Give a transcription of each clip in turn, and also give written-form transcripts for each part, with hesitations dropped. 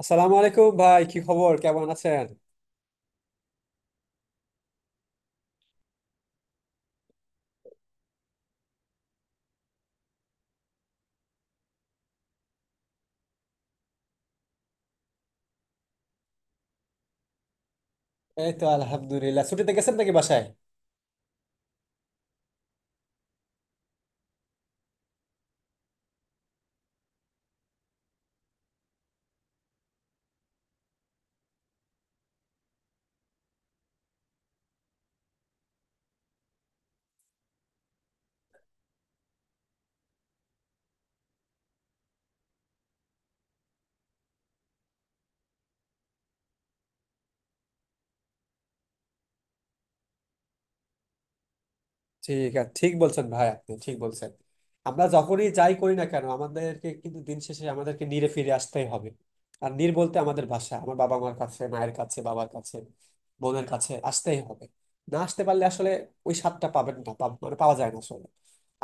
আসসালামু আলাইকুম ভাই, কি খবর, কেমন আছেন? এই তো আলহামদুলিল্লাহ। ছুটিতে গেছেন নাকি বাসায়? ঠিক আছে, ঠিক বলছেন ভাই, আপনি ঠিক বলছেন। আমরা যখনই যাই করি না কেন, আমাদেরকে কিন্তু দিন শেষে আমাদেরকে নিরে ফিরে আসতেই হবে। আর নির বলতে আমাদের ভাষা আমার বাবা মার কাছে, মায়ের কাছে, বাবার কাছে, বোনের কাছে আসতেই হবে। না আসতে পারলে আসলে ওই স্বাদটা পাবেন না, মানে পাওয়া যায় না আসলে।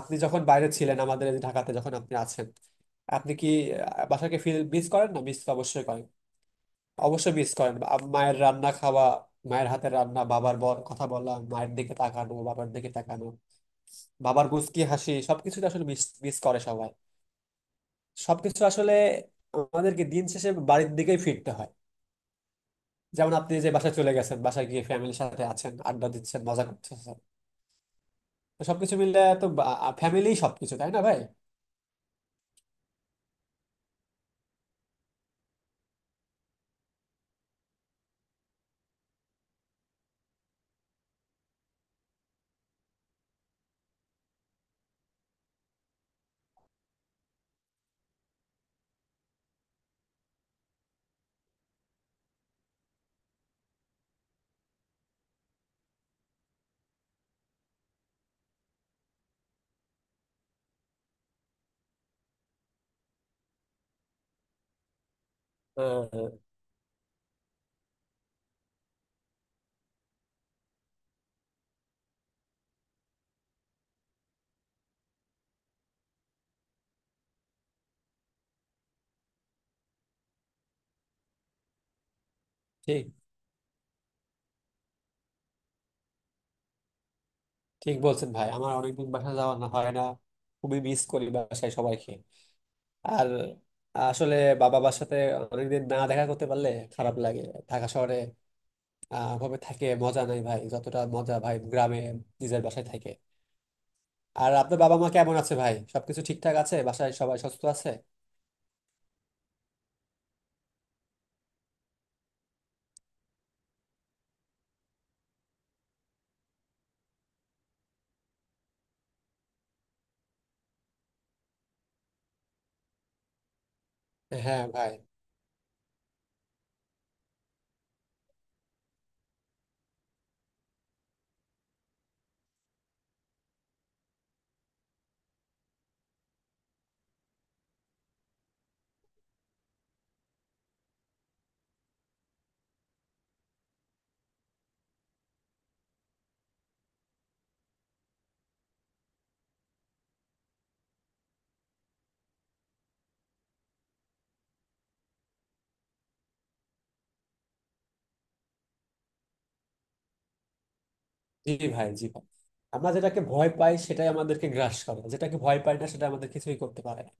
আপনি যখন বাইরে ছিলেন, আমাদের এই ঢাকাতে যখন আপনি আছেন, আপনি কি বাসাকে ফিল মিস করেন না? মিস অবশ্যই করেন। অবশ্যই মিস করেন। মায়ের রান্না খাওয়া, মায়ের হাতের রান্না, বাবার বল কথা বলা, মায়ের দিকে তাকানো, বাবার দিকে তাকানো, বাবার কুঁচকি হাসি, সবকিছুতে আসলে মিস মিস করে সবাই, সবকিছু আসলে। আমাদেরকে দিন শেষে বাড়ির দিকেই ফিরতে হয়। যেমন আপনি যে বাসায় চলে গেছেন, বাসায় গিয়ে ফ্যামিলির সাথে আছেন, আড্ডা দিচ্ছেন, মজা করতেছেন, তো সবকিছু মিলে তো ফ্যামিলি সবকিছু, তাই না ভাই? হ্যাঁ, হ্যাঁ, ঠিক, ঠিক বলছেন ভাই। আমার অনেকদিন বাসায় যাওয়া না হয় না। খুবই মিস করি বাসায় সবাইকে। আর আসলে বাবার সাথে অনেকদিন না দেখা করতে পারলে খারাপ লাগে। ঢাকা শহরে আহ ভাবে থাকে মজা নাই ভাই, যতটা মজা ভাই গ্রামে নিজের বাসায় থাকে। আর আপনার বাবা মা কেমন আছে ভাই? সবকিছু ঠিকঠাক আছে? বাসায় সবাই সুস্থ আছে? হ্যাঁ ভাই। জি ভাই। আমরা যেটাকে ভয় পাই সেটাই আমাদেরকে গ্রাস করে, যেটাকে ভয় পাই না সেটা আমাদের কিছুই করতে পারে না।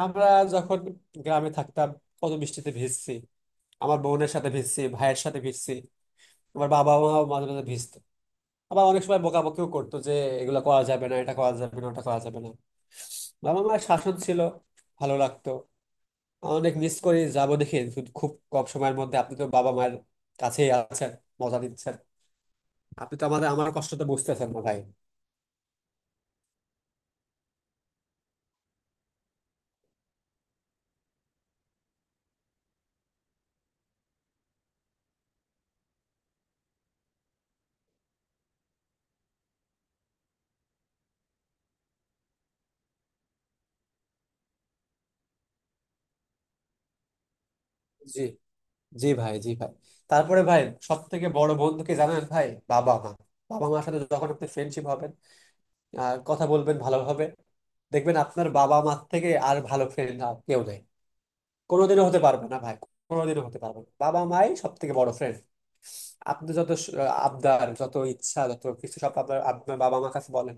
আমরা যখন গ্রামে থাকতাম, কত বৃষ্টিতে ভিজছি, আমার বোনের সাথে ভিজছি, ভাইয়ের সাথে ভিজছি। আমার বাবা মাও মাঝে মাঝে ভিজতো। আবার অনেক সময় বকাবকিও করতো যে এগুলো করা যাবে না, এটা করা যাবে না, ওটা করা যাবে না। বাবা মায়ের শাসন ছিল, ভালো লাগতো। অনেক মিস করি, যাবো দেখি শুধু খুব কম সময়ের মধ্যে। আপনি তো বাবা মায়ের কাছেই আছেন, মজা দিচ্ছেন। আপনি তো আমাদের আমার কষ্টটা বুঝতেছেন না ভাই। জি, জি ভাই। তারপরে ভাই, সব থেকে বড় বন্ধুকে জানেন ভাই? বাবা মা। বাবা মার সাথে যখন আপনি ফ্রেন্ডশিপ হবেন আর কথা বলবেন ভালোভাবে, দেখবেন আপনার বাবা মার থেকে আর ভালো ফ্রেন্ড কেউ নেই। কোনোদিনও হতে পারবে না ভাই, কোনোদিনও হতে পারবে না। বাবা মাই সব থেকে বড় ফ্রেন্ড। আপনি যত আবদার, যত ইচ্ছা, যত কিছু সব আপনার আপনার বাবা মার কাছে বলেন।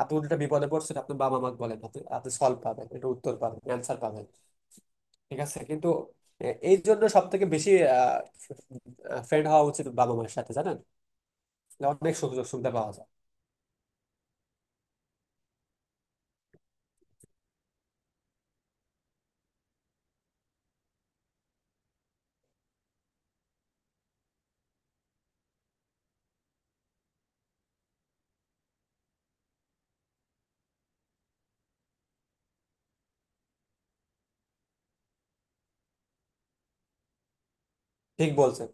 আপনি উল্টা বিপদে পড়ছেন, আপনার বাবা মাকে বলেন, আপনি আপনি সলভ পাবেন, এটা উত্তর পাবেন, অ্যান্সার পাবেন। ঠিক আছে কিন্তু এই জন্য সব থেকে বেশি ফ্রেন্ড হওয়া উচিত বাবা মায়ের সাথে, জানেন? তাহলে অনেক সুযোগ সুবিধা পাওয়া যায়। ঠিক বলছেন।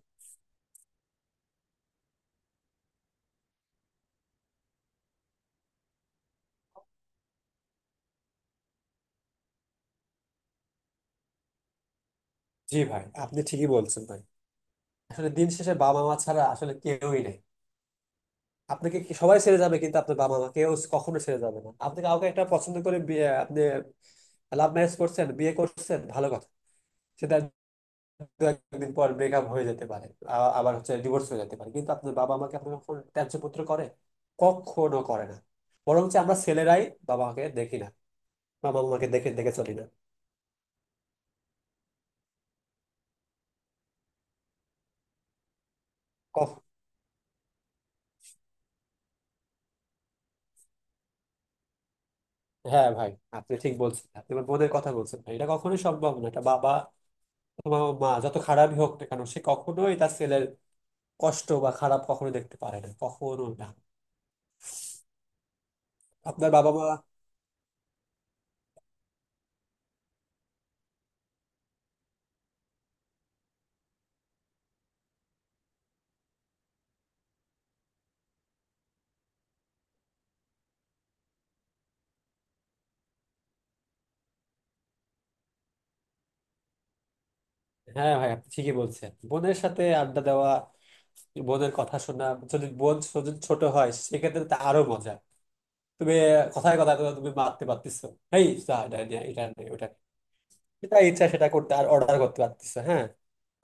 জি ভাই, আপনি ঠিকই বলছেন ভাই। আসলে দিন শেষে বাবা মা ছাড়া আসলে কেউই নেই। আপনাকে সবাই ছেড়ে যাবে, কিন্তু আপনার বাবা মা কেউ কখনো ছেড়ে যাবে না। আপনি কাউকে একটা পছন্দ করে বিয়ে, আপনি লাভ ম্যারেজ করছেন, বিয়ে করছেন, ভালো কথা। সেটা দু একদিন পর ব্রেকআপ হয়ে যেতে পারে, আবার হচ্ছে ডিভোর্স হয়ে যেতে পারে, কিন্তু আপনার বাবা মাকে আপনাকে কখনো ত্যায্য পুত্র করে কখনো করে না। বরঞ্চ আমরা ছেলেরাই বাবা মাকে দেখি না, বাবা মাকে দেখে দেখে চলি না। কখ- হ্যাঁ ভাই, আপনি ঠিক বলছেন। আপনি আমার বোনের কথা বলছেন ভাই, এটা কখনোই সম্ভব না। এটা বাবা অথবা মা যত খারাপই হোক না কেন, সে কখনোই তার ছেলের কষ্ট বা খারাপ কখনো দেখতে পারে না, কখনো না। আপনার বাবা মা। হ্যাঁ ভাই, আপনি ঠিকই বলছেন। বোনের সাথে আড্ডা দেওয়া, বোনের কথা শোনা, যদি বোন ছোট ছোট হয় সেক্ষেত্রে তো আরো মজা। তুমি কথায় কথায় তো তুমি মারতে পারতেছো, এই যা, এটা নে, এটা নে, ওটা নে। যেটা ইচ্ছা সেটা করতে আর অর্ডার করতে পারতেছো, হ্যাঁ।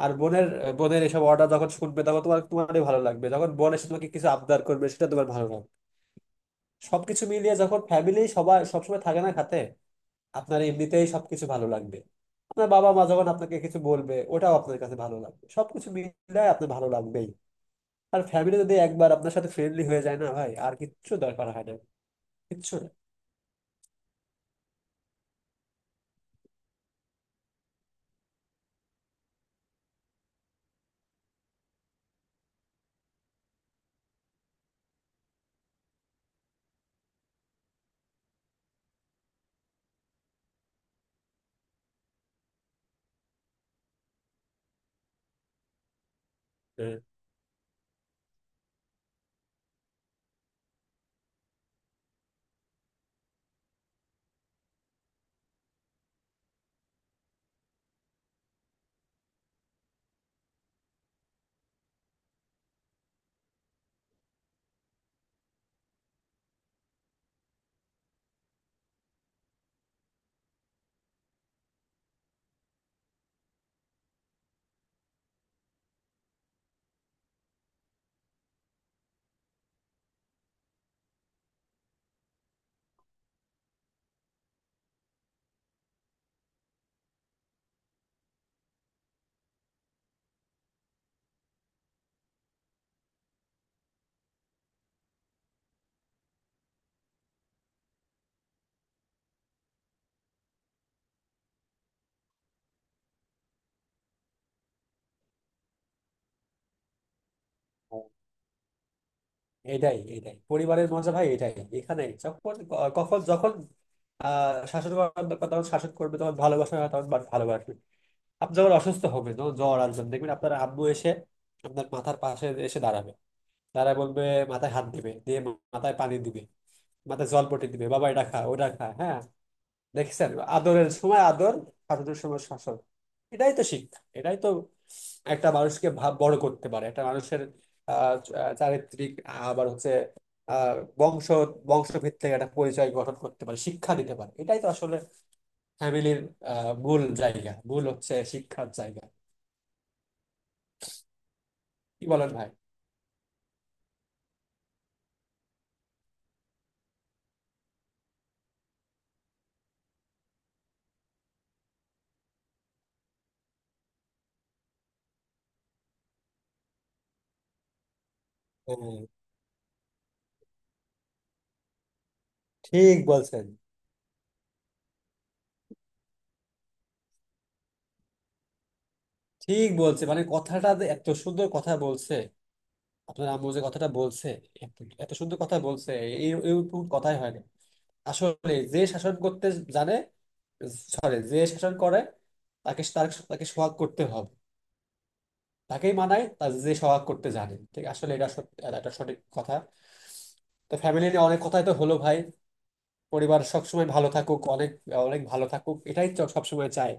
আর বোনের বোনের এসব অর্ডার যখন শুনবে তখন তোমারই ভালো লাগবে, যখন বোন এসে তোমাকে কিছু আবদার করবে সেটা তোমার ভালো লাগবে। সবকিছু মিলিয়ে যখন ফ্যামিলি সবাই সবসময় থাকে না খাতে, আপনার এমনিতেই সবকিছু ভালো লাগবে। আপনার বাবা মা যখন আপনাকে কিছু বলবে ওটাও আপনার কাছে ভালো লাগবে। সবকিছু মিলে আপনার ভালো লাগবেই। আর ফ্যামিলি যদি একবার আপনার সাথে ফ্রেন্ডলি হয়ে যায় না ভাই, আর কিচ্ছু দরকার হয় না, কিচ্ছু না। হ্যাঁ, এটাই এটাই পরিবারের মজা ভাই, এটাই। এখানে যখন যখন শাসন করবে তখন শাসন করবে, তখন ভালোবাসা হয়, ভালোবাসবে। আপনি যখন অসুস্থ হবে, তখন জ্বর আসবেন, দেখবেন আপনার আব্বু এসে আপনার মাথার পাশে এসে দাঁড়াবে, দাঁড়ায় বলবে, মাথায় হাত দিবে, দিয়ে মাথায় পানি দিবে, মাথায় জলপট্টি দিবে, বাবা এটা খা, ওটা খা, হ্যাঁ। দেখেছেন, আদরের সময় আদর, শাসনের সময় শাসন। এটাই তো শিক্ষা, এটাই তো একটা মানুষকে ভাব বড় করতে পারে, একটা মানুষের আহ আহ, চারিত্রিক, আবার হচ্ছে বংশ, বংশভিত্তিক একটা পরিচয় গঠন করতে পারে, শিক্ষা দিতে পারে। এটাই তো আসলে ফ্যামিলির মূল জায়গা, মূল হচ্ছে শিক্ষার জায়গা। কি বলেন ভাই? হ্যাঁ, ঠিক বলছেন। ঠিক বলছে মানে, কথাটা যে এত সুন্দর কথা বলছে, আপনার আম্মু যে কথাটা বলছে, এত এত সুন্দর কথা বলছে, এই এরকম কথাই হয় না। আসলে যে শাসন করতে জানে, সরি যে শাসন করে, তাকে সোহাগ করতে হবে। তাকেই মানায় তার যে সোহাগ করতে জানে। ঠিক আসলে এটা এটা একটা সঠিক কথা। তো ফ্যামিলি নিয়ে অনেক কথাই তো হলো ভাই। পরিবার সবসময় ভালো থাকুক, অনেক অনেক ভালো থাকুক, সবসময় চায়।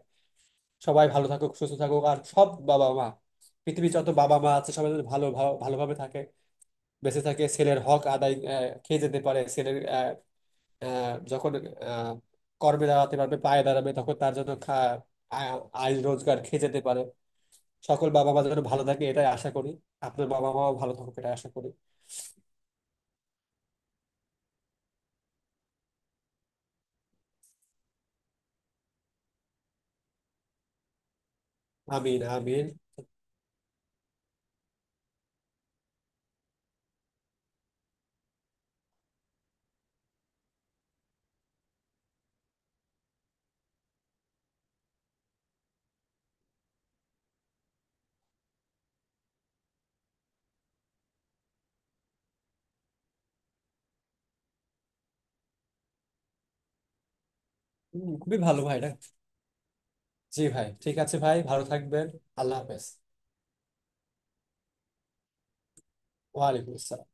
সবাই ভালো থাকুক, সুস্থ থাকুক। আর সব বাবা মা, পৃথিবীর যত বাবা মা আছে, সবাই যেন ভালো ভালো- ভালোভাবে থাকে, বেঁচে থাকে, ছেলের হক আদায় খেয়ে যেতে পারে, ছেলের আহ, যখন আহ, কর্মে দাঁড়াতে পারবে, পায়ে দাঁড়াবে তখন তার জন্য আয় রোজগার খেয়ে যেতে পারে। সকল বাবা মা যেন ভালো থাকে এটাই আশা করি। আপনার বাবা মাও ভালো থাকুক, এটাই আশা করি। আমিন, আমিন। হম, খুবই ভালো ভাই এটা। জি ভাই, ঠিক আছে ভাই, ভালো থাকবেন। আল্লাহ হাফেজ। ওয়ালাইকুম আসসালাম।